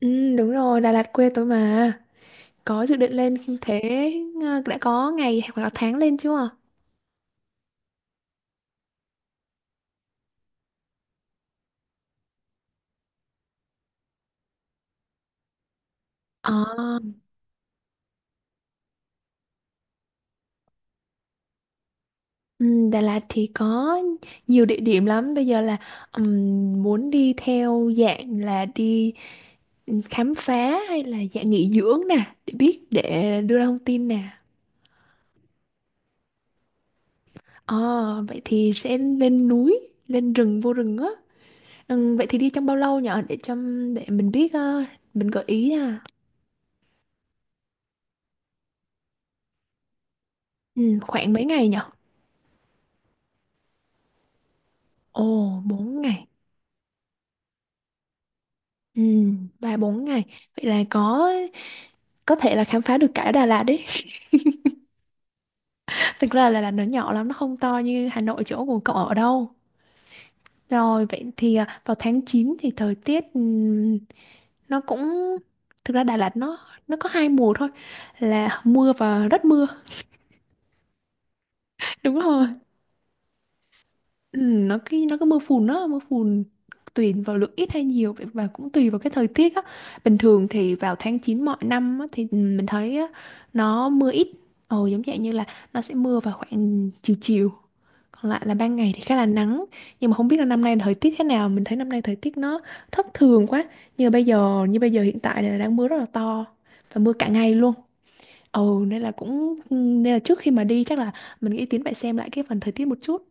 Ừ, đúng rồi, Đà Lạt quê tôi mà. Có dự định lên thế, đã có ngày hoặc là tháng lên chưa? À, ừ, Đà Lạt thì có nhiều địa điểm lắm. Bây giờ là, muốn đi theo dạng là đi khám phá hay là dạng nghỉ dưỡng nè, để biết để đưa ra thông tin nè. Ờ, vậy thì sẽ lên núi, lên rừng vô rừng á. Ừ, vậy thì đi trong bao lâu nhở, để cho để mình biết, mình gợi ý à. Ừ, khoảng mấy ngày nhỉ? Ồ, 4 ngày. Ừ, 3 4 ngày. Vậy là có thể là khám phá được cả Đà Lạt đấy. Thực ra là Đà Lạt nó nhỏ lắm, nó không to như Hà Nội chỗ của cậu ở đâu. Rồi, vậy thì vào tháng 9 thì thời tiết, nó cũng, thực ra Đà Lạt nó có hai mùa thôi, là mưa và rất mưa. Đúng rồi. Ừ, nó cái nó có mưa phùn đó, mưa phùn tùy vào lượng ít hay nhiều vậy, và cũng tùy vào cái thời tiết á. Bình thường thì vào tháng 9 mọi năm á, thì mình thấy á, nó mưa ít, giống vậy, như là nó sẽ mưa vào khoảng chiều chiều, còn lại là ban ngày thì khá là nắng. Nhưng mà không biết là năm nay thời tiết thế nào, mình thấy năm nay thời tiết nó thất thường quá. Như bây giờ hiện tại này là đang mưa rất là to và mưa cả ngày luôn. Nên là cũng nên là, trước khi mà đi chắc là mình nghĩ Tiến phải xem lại cái phần thời tiết một chút.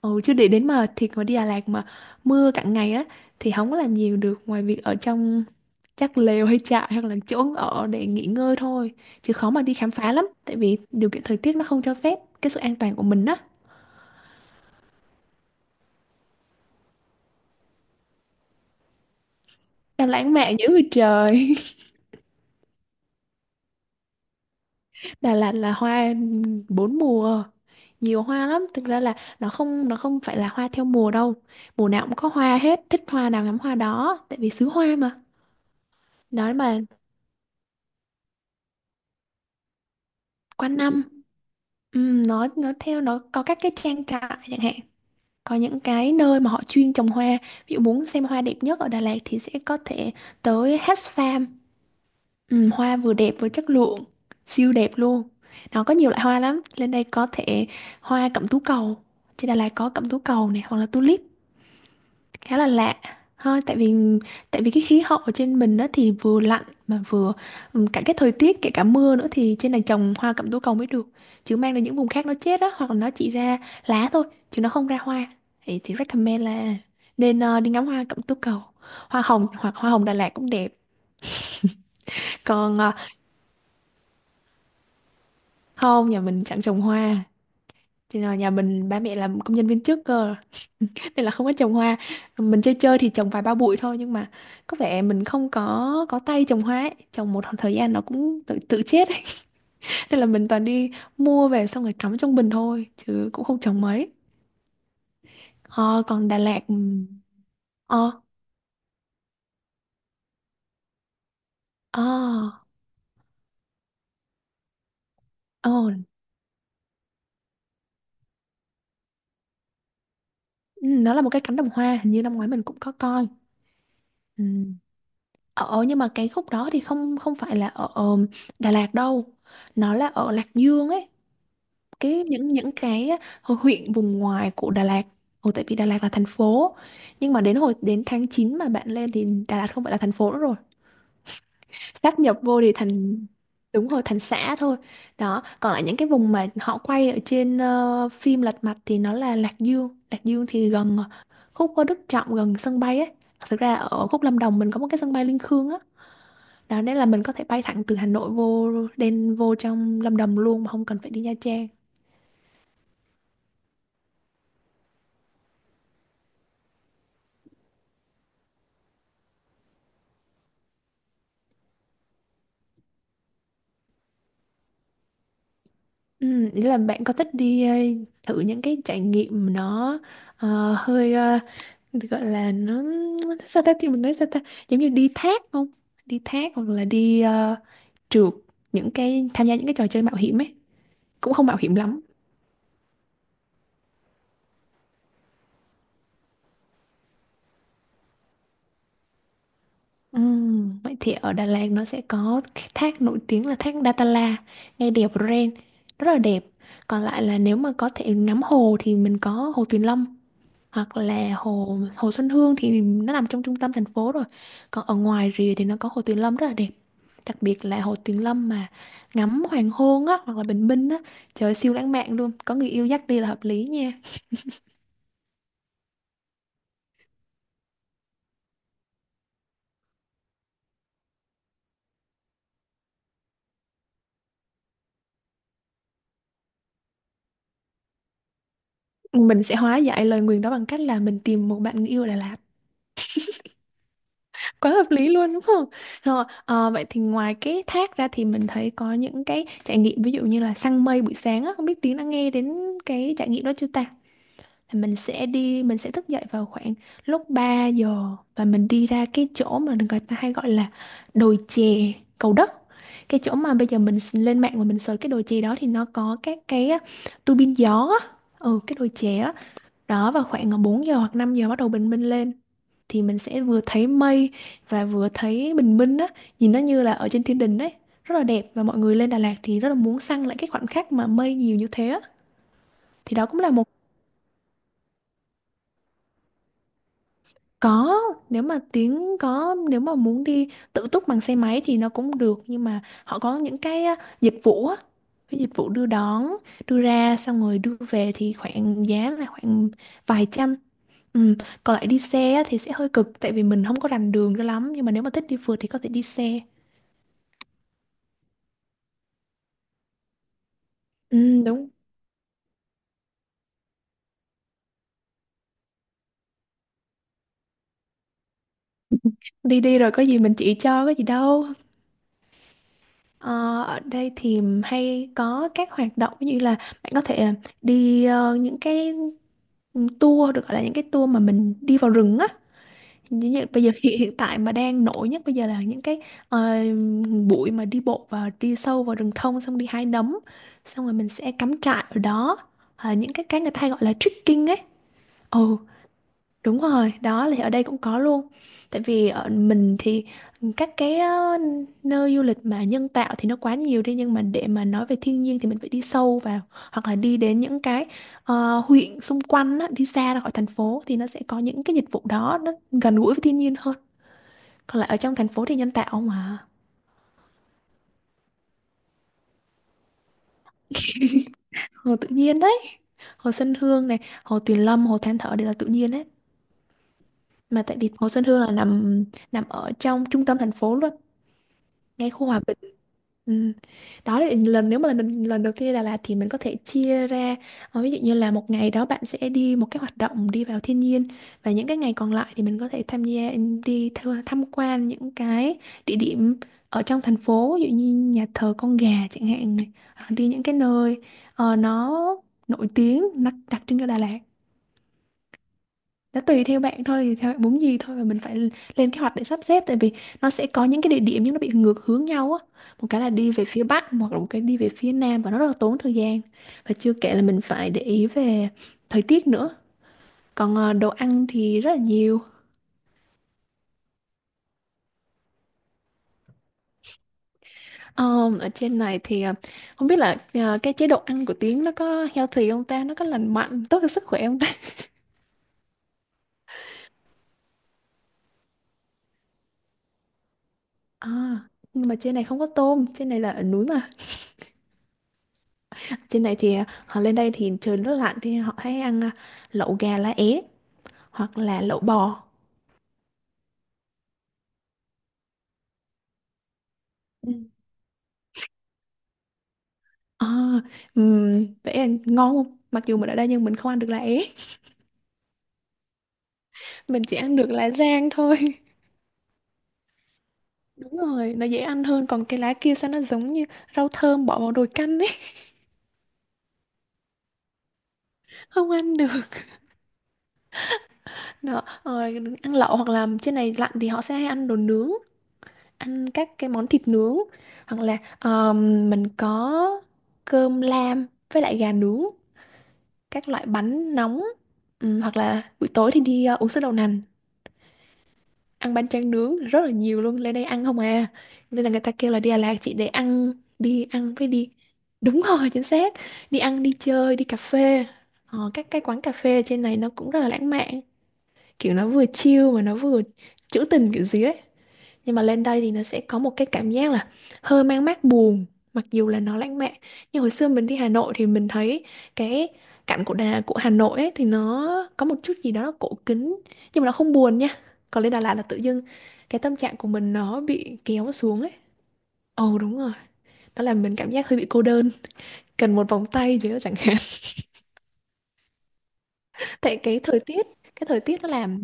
Ừ, chứ để đến mà thiệt mà đi Đà Lạt mà mưa cả ngày á, thì không có làm nhiều được, ngoài việc ở trong chắc lều hay trại, hoặc là chỗ ở để nghỉ ngơi thôi, chứ khó mà đi khám phá lắm, tại vì điều kiện thời tiết nó không cho phép cái sự an toàn của mình á. Em lãng mạn dữ vậy trời. Đà Lạt là hoa bốn mùa, nhiều hoa lắm, thực ra là nó không phải là hoa theo mùa đâu. Mùa nào cũng có hoa hết, thích hoa nào ngắm hoa đó, tại vì xứ hoa mà, nói mà, quanh năm. Ừ, nó theo, nó có các cái trang trại chẳng hạn. Có những cái nơi mà họ chuyên trồng hoa, ví dụ muốn xem hoa đẹp nhất ở Đà Lạt thì sẽ có thể tới Hatch Farm. Ừ, hoa vừa đẹp vừa chất lượng, siêu đẹp luôn. Nó có nhiều loại hoa lắm, lên đây có thể hoa cẩm tú cầu. Trên Đà Lạt có cẩm tú cầu này, hoặc là tulip khá là lạ thôi. Tại vì cái khí hậu ở trên mình đó thì vừa lạnh mà vừa, cả cái thời tiết, kể cả mưa nữa, thì trên này trồng hoa cẩm tố cầu mới được, chứ mang đến những vùng khác nó chết đó, hoặc là nó chỉ ra lá thôi chứ nó không ra hoa. Thì recommend là nên, đi ngắm hoa cẩm tố cầu, hoa hồng, hoặc hoa hồng Đà Lạt cũng đẹp. Còn, không, nhà mình chẳng trồng hoa, thì là nhà mình ba mẹ làm công nhân viên chức cơ, nên là không có trồng hoa. Mình chơi chơi thì trồng vài ba bụi thôi, nhưng mà có vẻ mình không có tay trồng hoa ấy, trồng một thời gian nó cũng tự tự chết ấy. Nên là mình toàn đi mua về, xong rồi cắm trong bình thôi, chứ cũng không trồng mấy. Ờ, Còn Đà Lạt, ờ, ờ, ờ, ừ, nó là một cái cánh đồng hoa, hình như năm ngoái mình cũng có coi. Ừ. Ờ, ờ, nhưng mà cái khúc đó thì không không phải là ở, Đà Lạt đâu, nó là ở Lạc Dương ấy. Cái, những cái hồi huyện vùng ngoài của Đà Lạt. Ồ, tại vì Đà Lạt là thành phố, nhưng mà đến hồi đến tháng 9 mà bạn lên, thì Đà Lạt không phải là thành phố nữa rồi, sáp nhập vô thì thành, đúng rồi, thành xã thôi. Đó, còn lại những cái vùng mà họ quay ở trên, phim Lật Mặt thì nó là Lạc Dương. Lạc Dương thì gần, khúc có Đức Trọng gần sân bay ấy. Thực ra ở khúc Lâm Đồng mình có một cái sân bay Liên Khương á, đó nên là mình có thể bay thẳng từ Hà Nội vô, đen vô trong Lâm Đồng luôn mà không cần phải đi Nha Trang. Ừ, ý là bạn có thích đi, thử những cái trải nghiệm nó, hơi, gọi là nó sao ta, thì mình nói sao ta, giống như đi thác không? Đi thác hoặc là đi, trượt những cái, tham gia những cái trò chơi mạo hiểm ấy, cũng không mạo hiểm lắm. Vậy thì ở Đà Lạt nó sẽ có cái thác nổi tiếng là thác Datanla ngay đèo Ren, rất là đẹp. Còn lại là nếu mà có thể ngắm hồ thì mình có hồ Tuyền Lâm, hoặc là hồ hồ Xuân Hương thì nó nằm trong trung tâm thành phố rồi. Còn ở ngoài rìa thì nó có hồ Tuyền Lâm rất là đẹp, đặc biệt là hồ Tuyền Lâm mà ngắm hoàng hôn á, hoặc là bình minh á, trời ơi, siêu lãng mạn luôn, có người yêu dắt đi là hợp lý nha. Mình sẽ hóa giải lời nguyền đó bằng cách là mình tìm một bạn người yêu ở Đà Lạt, quá hợp lý luôn đúng không? Rồi, vậy thì ngoài cái thác ra thì mình thấy có những cái trải nghiệm, ví dụ như là săn mây buổi sáng á, không biết Tiến đã nghe đến cái trải nghiệm đó chưa ta. Là mình sẽ đi, mình sẽ thức dậy vào khoảng lúc 3 giờ, và mình đi ra cái chỗ mà người ta hay gọi là đồi chè Cầu Đất. Cái chỗ mà bây giờ mình lên mạng và mình search cái đồi chè đó, thì nó có các cái á, tua bin gió á. Ừ, cái đồi chè á. Đó, vào khoảng, 4 giờ hoặc 5 giờ bắt đầu bình minh lên, thì mình sẽ vừa thấy mây và vừa thấy bình minh á, nhìn nó như là ở trên thiên đình đấy, rất là đẹp, và mọi người lên Đà Lạt thì rất là muốn săn lại cái khoảnh khắc mà mây nhiều như thế á. Thì đó cũng là một. Có, nếu mà tiếng có, nếu mà muốn đi tự túc bằng xe máy thì nó cũng được, nhưng mà họ có những cái á, dịch vụ á, cái dịch vụ đưa đón, đưa ra xong rồi đưa về, thì khoảng giá là khoảng vài trăm. Ừ. Còn lại đi xe á thì sẽ hơi cực, tại vì mình không có rành đường cho lắm, nhưng mà nếu mà thích đi phượt thì có thể đi xe. Ừ, đúng. Đi đi rồi có gì mình chỉ cho, có gì đâu. Ờ, ở đây thì hay có các hoạt động như là, bạn có thể, đi, những cái tour, được gọi là những cái tour mà mình đi vào rừng á. Như bây giờ, hiện hiện tại mà đang nổi nhất bây giờ là những cái, ờ, buổi mà đi bộ và đi sâu vào rừng thông, xong đi hái nấm, xong rồi mình sẽ cắm trại ở đó. Hoặc là những cái người ta hay gọi là trekking ấy. Ừ. Đúng rồi, đó thì ở đây cũng có luôn. Tại vì ở mình thì các cái, nơi du lịch mà nhân tạo thì nó quá nhiều đi, nhưng mà để mà nói về thiên nhiên thì mình phải đi sâu vào, hoặc là đi đến những cái, huyện xung quanh á, đi xa ra khỏi thành phố, thì nó sẽ có những cái dịch vụ đó, nó gần gũi với thiên nhiên hơn. Còn lại ở trong thành phố thì nhân tạo mà. Hồ tự nhiên đấy, hồ Xuân Hương này, hồ Tuyền Lâm, hồ Than Thở đều là tự nhiên đấy. Mà tại vì hồ Xuân Hương là nằm nằm ở trong trung tâm thành phố luôn, ngay khu hòa bình. Ừ. Đó là nếu mà lần lần đầu tiên đi Đà Lạt thì mình có thể chia ra, ví dụ như là một ngày đó bạn sẽ đi một cái hoạt động đi vào thiên nhiên, và những cái ngày còn lại thì mình có thể tham gia, đi tham quan những cái địa điểm ở trong thành phố, ví dụ như nhà thờ con gà chẳng hạn này. Hoặc đi những cái nơi nó nổi tiếng, nó đặc trưng cho Đà Lạt. Nó tùy theo bạn thôi, thì theo bạn muốn gì thôi, và mình phải lên kế hoạch để sắp xếp, tại vì nó sẽ có những cái địa điểm nhưng nó bị ngược hướng nhau á. Một cái là đi về phía bắc hoặc là một cái đi về phía nam và nó rất là tốn thời gian. Và chưa kể là mình phải để ý về thời tiết nữa. Còn đồ ăn thì rất là nhiều. Ờ, Ở trên này thì không biết là cái chế độ ăn của Tiến nó có healthy không ta, nó có lành mạnh tốt cho sức khỏe không ta. À, nhưng mà trên này không có tôm, trên này là ở núi mà. Trên này thì à, họ lên đây thì trời rất lạnh thì họ hay ăn à, lẩu gà lá é hoặc là lẩu bò. Ừ. À, vậy là ngon không? Mặc dù mình ở đây nhưng mình không ăn được lá é, mình chỉ ăn được lá rang thôi. Đúng rồi, nó dễ ăn hơn, còn cái lá kia sao nó giống như rau thơm bỏ vào nồi canh ấy. Không ăn được. Đó, rồi ăn lẩu hoặc là trên này lạnh thì họ sẽ hay ăn đồ nướng, ăn các cái món thịt nướng, hoặc là mình có cơm lam với lại gà nướng, các loại bánh nóng, ừ, hoặc là buổi tối thì đi, uống sữa đậu nành, ăn bánh tráng nướng rất là nhiều luôn, lên đây ăn không à, nên là người ta kêu là đi Đà Lạt chỉ để ăn, đi ăn với đi. Đúng rồi, chính xác, đi ăn đi chơi đi cà phê. Các cái quán cà phê trên này nó cũng rất là lãng mạn, kiểu nó vừa chill mà nó vừa trữ tình kiểu gì ấy. Nhưng mà lên đây thì nó sẽ có một cái cảm giác là hơi mang mát buồn, mặc dù là nó lãng mạn. Nhưng hồi xưa mình đi Hà Nội thì mình thấy cái cảnh của Hà Nội ấy, thì nó có một chút gì đó nó cổ kính, nhưng mà nó không buồn nha. Còn lên Đà Lạt là tự dưng cái tâm trạng của mình nó bị kéo xuống ấy. Ồ, đúng rồi, nó làm mình cảm giác hơi bị cô đơn, cần một vòng tay chứ chẳng hạn. Tại cái thời tiết, cái thời tiết nó làm.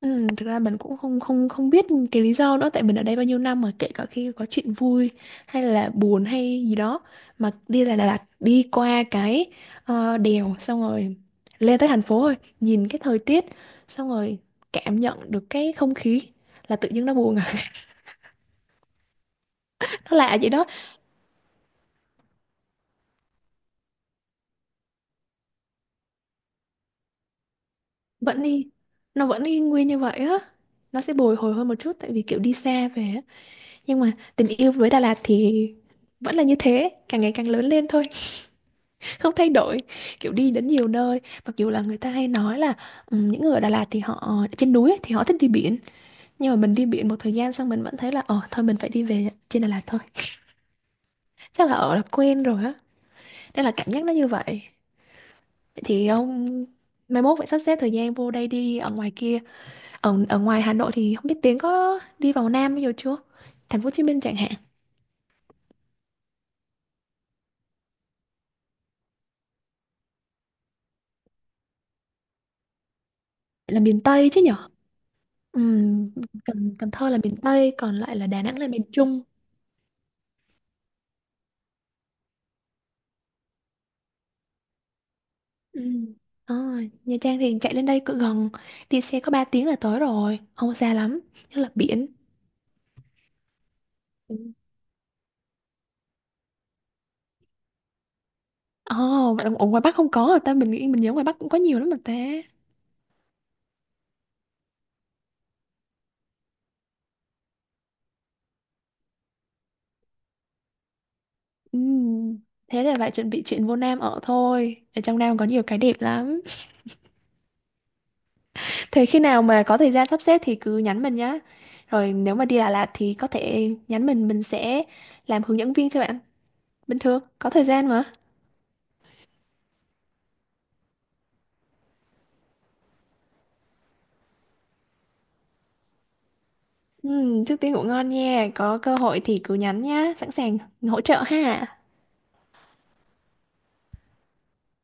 Ừ, thực ra mình cũng không không không biết cái lý do nữa, tại mình ở đây bao nhiêu năm mà kể cả khi có chuyện vui hay là buồn hay gì đó, mà đi là Đà Lạt đi qua cái đèo xong rồi lên tới thành phố rồi nhìn cái thời tiết xong rồi cảm nhận được cái không khí là tự nhiên nó buồn à. Nó lạ vậy đó. Vẫn đi, nó vẫn y nguyên như vậy á, nó sẽ bồi hồi hơn một chút tại vì kiểu đi xa về á. Nhưng mà tình yêu với Đà Lạt thì vẫn là như thế, càng ngày càng lớn lên thôi, không thay đổi. Kiểu đi đến nhiều nơi, mặc dù là người ta hay nói là, ừ, những người ở Đà Lạt thì họ trên núi ấy, thì họ thích đi biển, nhưng mà mình đi biển một thời gian xong mình vẫn thấy là thôi mình phải đi về trên Đà Lạt thôi, chắc là ở là quen rồi á, nên là cảm giác nó như vậy. Vậy thì ông mai mốt phải sắp xếp thời gian vô đây đi, ở ngoài kia, ở ở ngoài Hà Nội thì không biết Tiến có đi vào Nam bao giờ chưa, thành phố Hồ Chí Minh chẳng hạn. Là miền Tây chứ nhở. Ừm, Cần Cần Thơ là miền Tây, còn lại là Đà Nẵng là miền Trung. Ừ. À, Nha Trang thì chạy lên đây cứ gần, đi xe có 3 tiếng là tới rồi, không có xa lắm, nhất là biển. Ừ. Ồ, vậy là ở ngoài Bắc không có rồi ta, mình nghĩ mình nhớ ngoài Bắc cũng có nhiều lắm mà ta. Ừ. Thế là phải chuẩn bị chuyện vô Nam ở thôi, ở trong Nam có nhiều cái đẹp lắm. Thế khi nào mà có thời gian sắp xếp thì cứ nhắn mình nhá, rồi nếu mà đi Đà Lạt thì có thể nhắn mình sẽ làm hướng dẫn viên cho bạn, bình thường có thời gian mà. Ừ, trước tiên ngủ ngon nha, có cơ hội thì cứ nhắn nhá, sẵn sàng hỗ trợ ha.